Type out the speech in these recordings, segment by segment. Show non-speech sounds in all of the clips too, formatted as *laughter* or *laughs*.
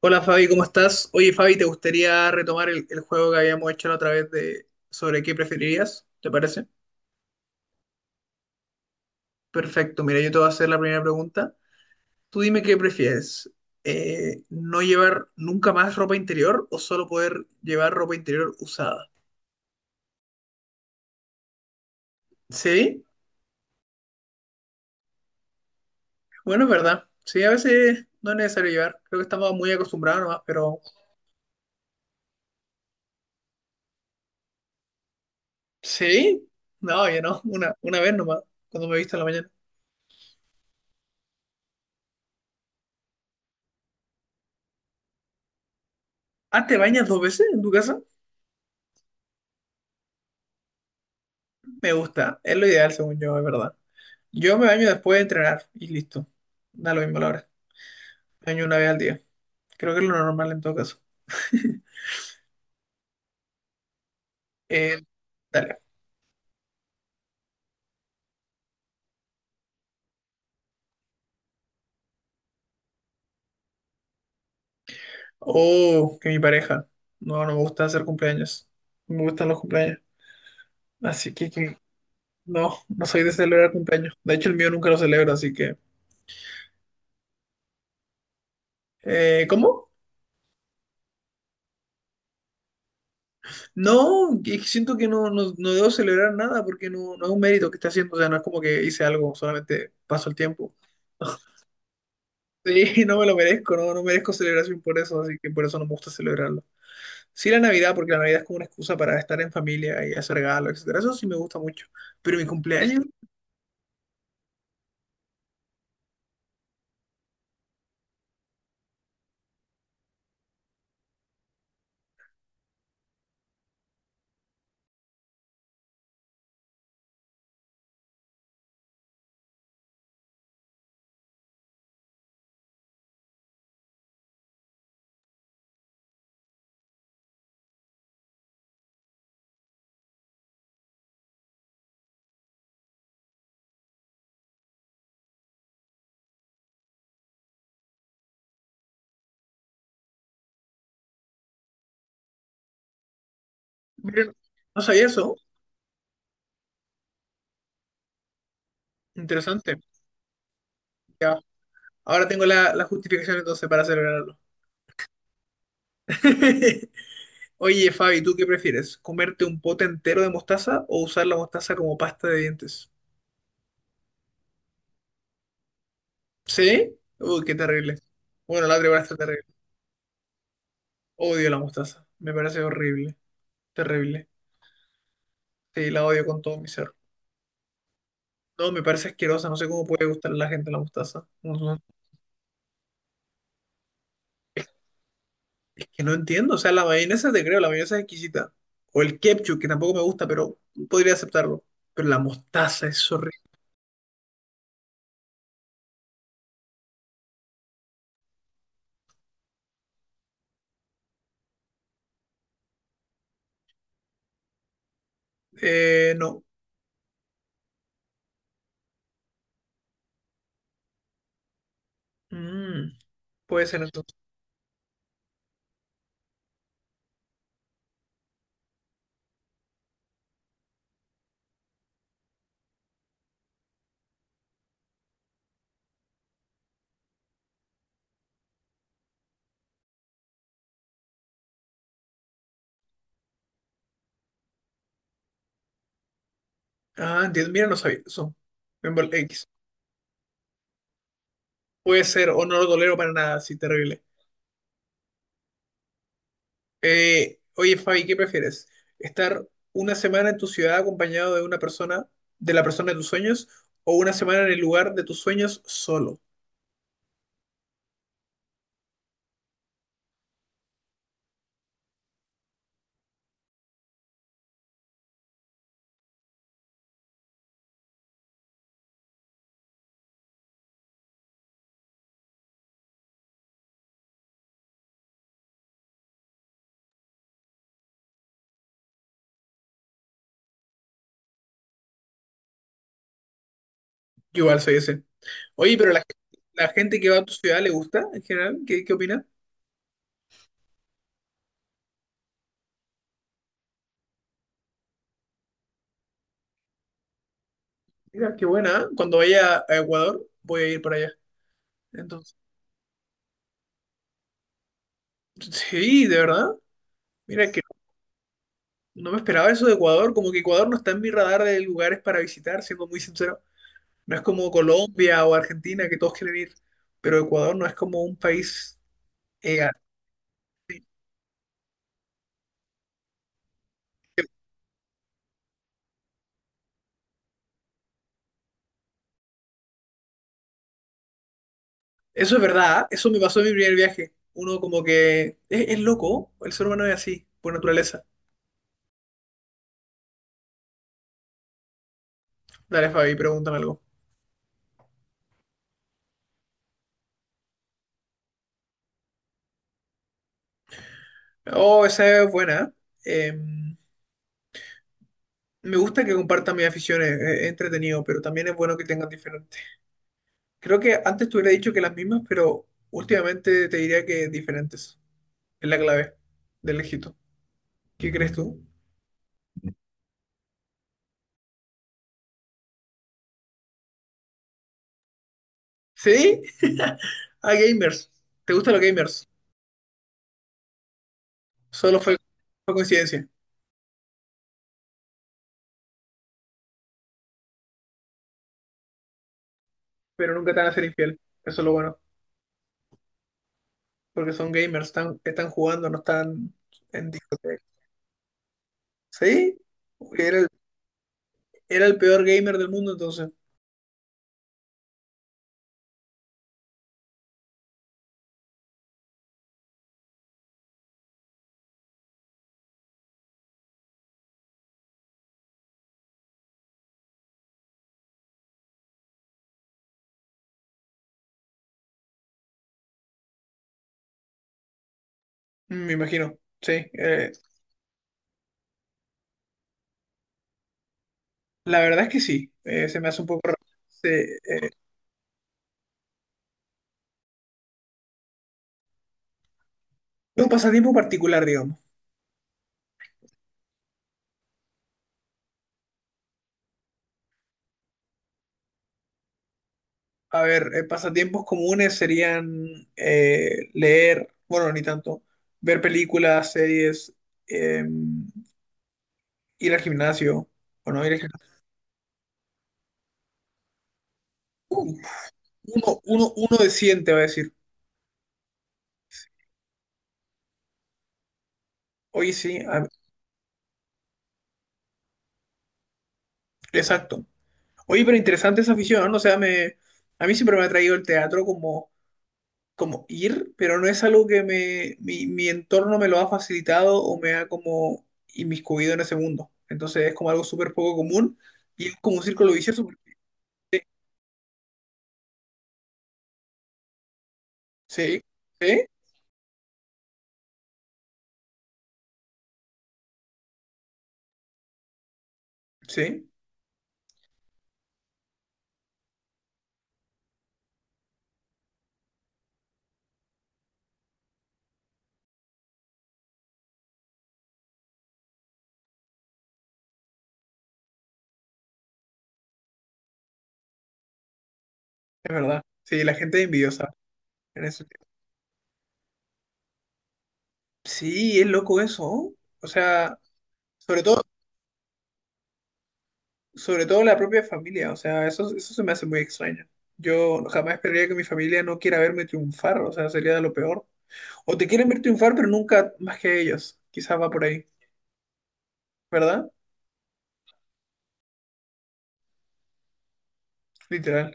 Hola Fabi, ¿cómo estás? Oye Fabi, ¿te gustaría retomar el juego que habíamos hecho la otra vez de sobre qué preferirías? ¿Te parece? Perfecto, mira, yo te voy a hacer la primera pregunta. Tú dime qué prefieres, ¿no llevar nunca más ropa interior o solo poder llevar ropa interior usada? Sí, bueno, es verdad. Sí, a veces no es necesario llevar. Creo que estamos muy acostumbrados nomás, pero sí, no, ya no, una vez nomás, cuando me he visto en la mañana. Ah, ¿te bañas dos veces en tu casa? Me gusta, es lo ideal según yo, es verdad. Yo me baño después de entrenar y listo. Da lo mismo la hora. Me baño una vez al día. Creo que es lo normal en todo caso. *laughs* Eh, Dale. Oh, que mi pareja. No, no me gusta hacer cumpleaños. No me gustan los cumpleaños. Así que no soy de celebrar cumpleaños. De hecho, el mío nunca lo celebro, así que. ¿Cómo? No, que siento que no debo celebrar nada porque no es un mérito que esté haciendo. O sea, no es como que hice algo, solamente paso el tiempo. Sí, *laughs* no me lo merezco, no merezco celebración por eso, así que por eso no me gusta celebrarlo. Sí la Navidad, porque la Navidad es como una excusa para estar en familia y hacer regalos, etcétera. Eso sí me gusta mucho. Pero mi cumpleaños, miren, no sabía eso. Interesante. Ya, ahora tengo la justificación entonces para celebrarlo. *laughs* Oye, Fabi, ¿tú qué prefieres? ¿Comerte un pote entero de mostaza o usar la mostaza como pasta de dientes? ¿Sí? Uy, qué terrible. Bueno, la otra igual está terrible. Odio la mostaza. Me parece horrible. Terrible. Sí, la odio con todo mi ser. No, me parece asquerosa, no sé cómo puede gustar a la gente la mostaza. No, no, es que no entiendo, o sea, la mayonesa te creo, la mayonesa es exquisita. O el ketchup, que tampoco me gusta, pero podría aceptarlo. Pero la mostaza es horrible. No. Mm, Puede ser entonces. Ah, entiendo, mira, no sabía eso. X. Puede ser, o no lo tolero para nada, sí, terrible. Oye, Fabi, ¿qué prefieres? ¿Estar una semana en tu ciudad acompañado de una persona, de la persona de tus sueños, o una semana en el lugar de tus sueños solo? Yo igual soy ese. Oye, pero la gente que va a tu ciudad le gusta en general, ¿qué opina? Mira, qué buena. ¿Eh? Cuando vaya a Ecuador, voy a ir para allá. Entonces, *laughs* sí, de verdad. Mira que no me esperaba eso de Ecuador, como que Ecuador no está en mi radar de lugares para visitar, siendo muy sincero. No es como Colombia o Argentina, que todos quieren ir, pero Ecuador no es como un país. eh, Eso es verdad, ¿eh? Eso me pasó en mi primer viaje. Uno como que es loco, el ser humano es así, por naturaleza. Dale, Fabi, pregúntame algo. Oh, esa es buena. Em, Me gusta que compartan mis aficiones, es entretenido, pero también es bueno que tengan diferentes. Creo que antes te hubiera dicho que las mismas, pero últimamente te diría que diferentes. Es la clave del éxito. ¿Qué crees tú? ¿Sí? *laughs* A gamers. ¿Te gustan los gamers? Solo fue coincidencia, pero nunca te van a ser infiel. Eso es lo bueno, porque son gamers, están jugando, no están en discoteca. ¿Sí? Era el, era el peor gamer del mundo entonces. Me imagino, sí. La verdad es que sí, se me hace un poco raro. Se- eh, un pasatiempo particular, digamos. A ver, pasatiempos comunes serían leer, bueno, ni tanto, ver películas, series, eh, ir al gimnasio, o no ir al gimnasio. Uh, uno de 100 te va a decir, oye, sí, exacto. Oye, pero interesante esa afición, ¿no? O sea, a mí siempre me ha traído el teatro como ir, pero no es algo que mi entorno me lo ha facilitado o me ha como inmiscuido en ese mundo. Entonces es como algo súper poco común y es como un círculo vicioso porque sí, sí, sí, sí, es verdad. Sí, la gente es envidiosa en ese sentido. Sí, es loco eso. O sea, sobre todo, sobre todo la propia familia. O sea, eso se me hace muy extraño. Yo jamás esperaría que mi familia no quiera verme triunfar. O sea, sería de lo peor. O te quieren ver triunfar, pero nunca más que ellos. Quizás va por ahí. ¿Verdad? Literal.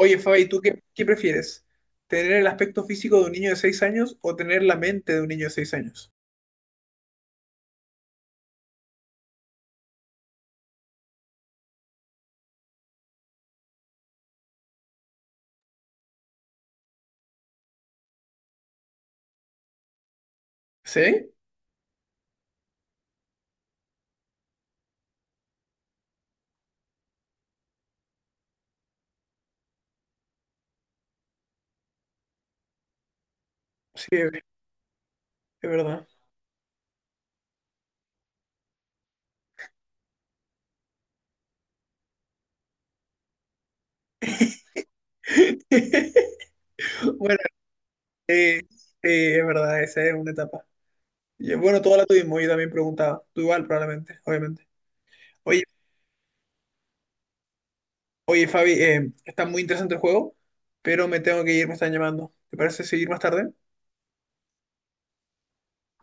Oye, Fabi, ¿tú qué prefieres? ¿Tener el aspecto físico de un niño de 6 años o tener la mente de un niño de 6 años? ¿Sí? Sí, es verdad. *laughs* Bueno, eh, es verdad, esa es una etapa. Y, bueno, toda la tuvimos, yo también preguntaba. Tú igual, probablemente, obviamente. Oye, oye, Fabi, está muy interesante el juego, pero me tengo que ir, me están llamando. ¿Te parece seguir más tarde?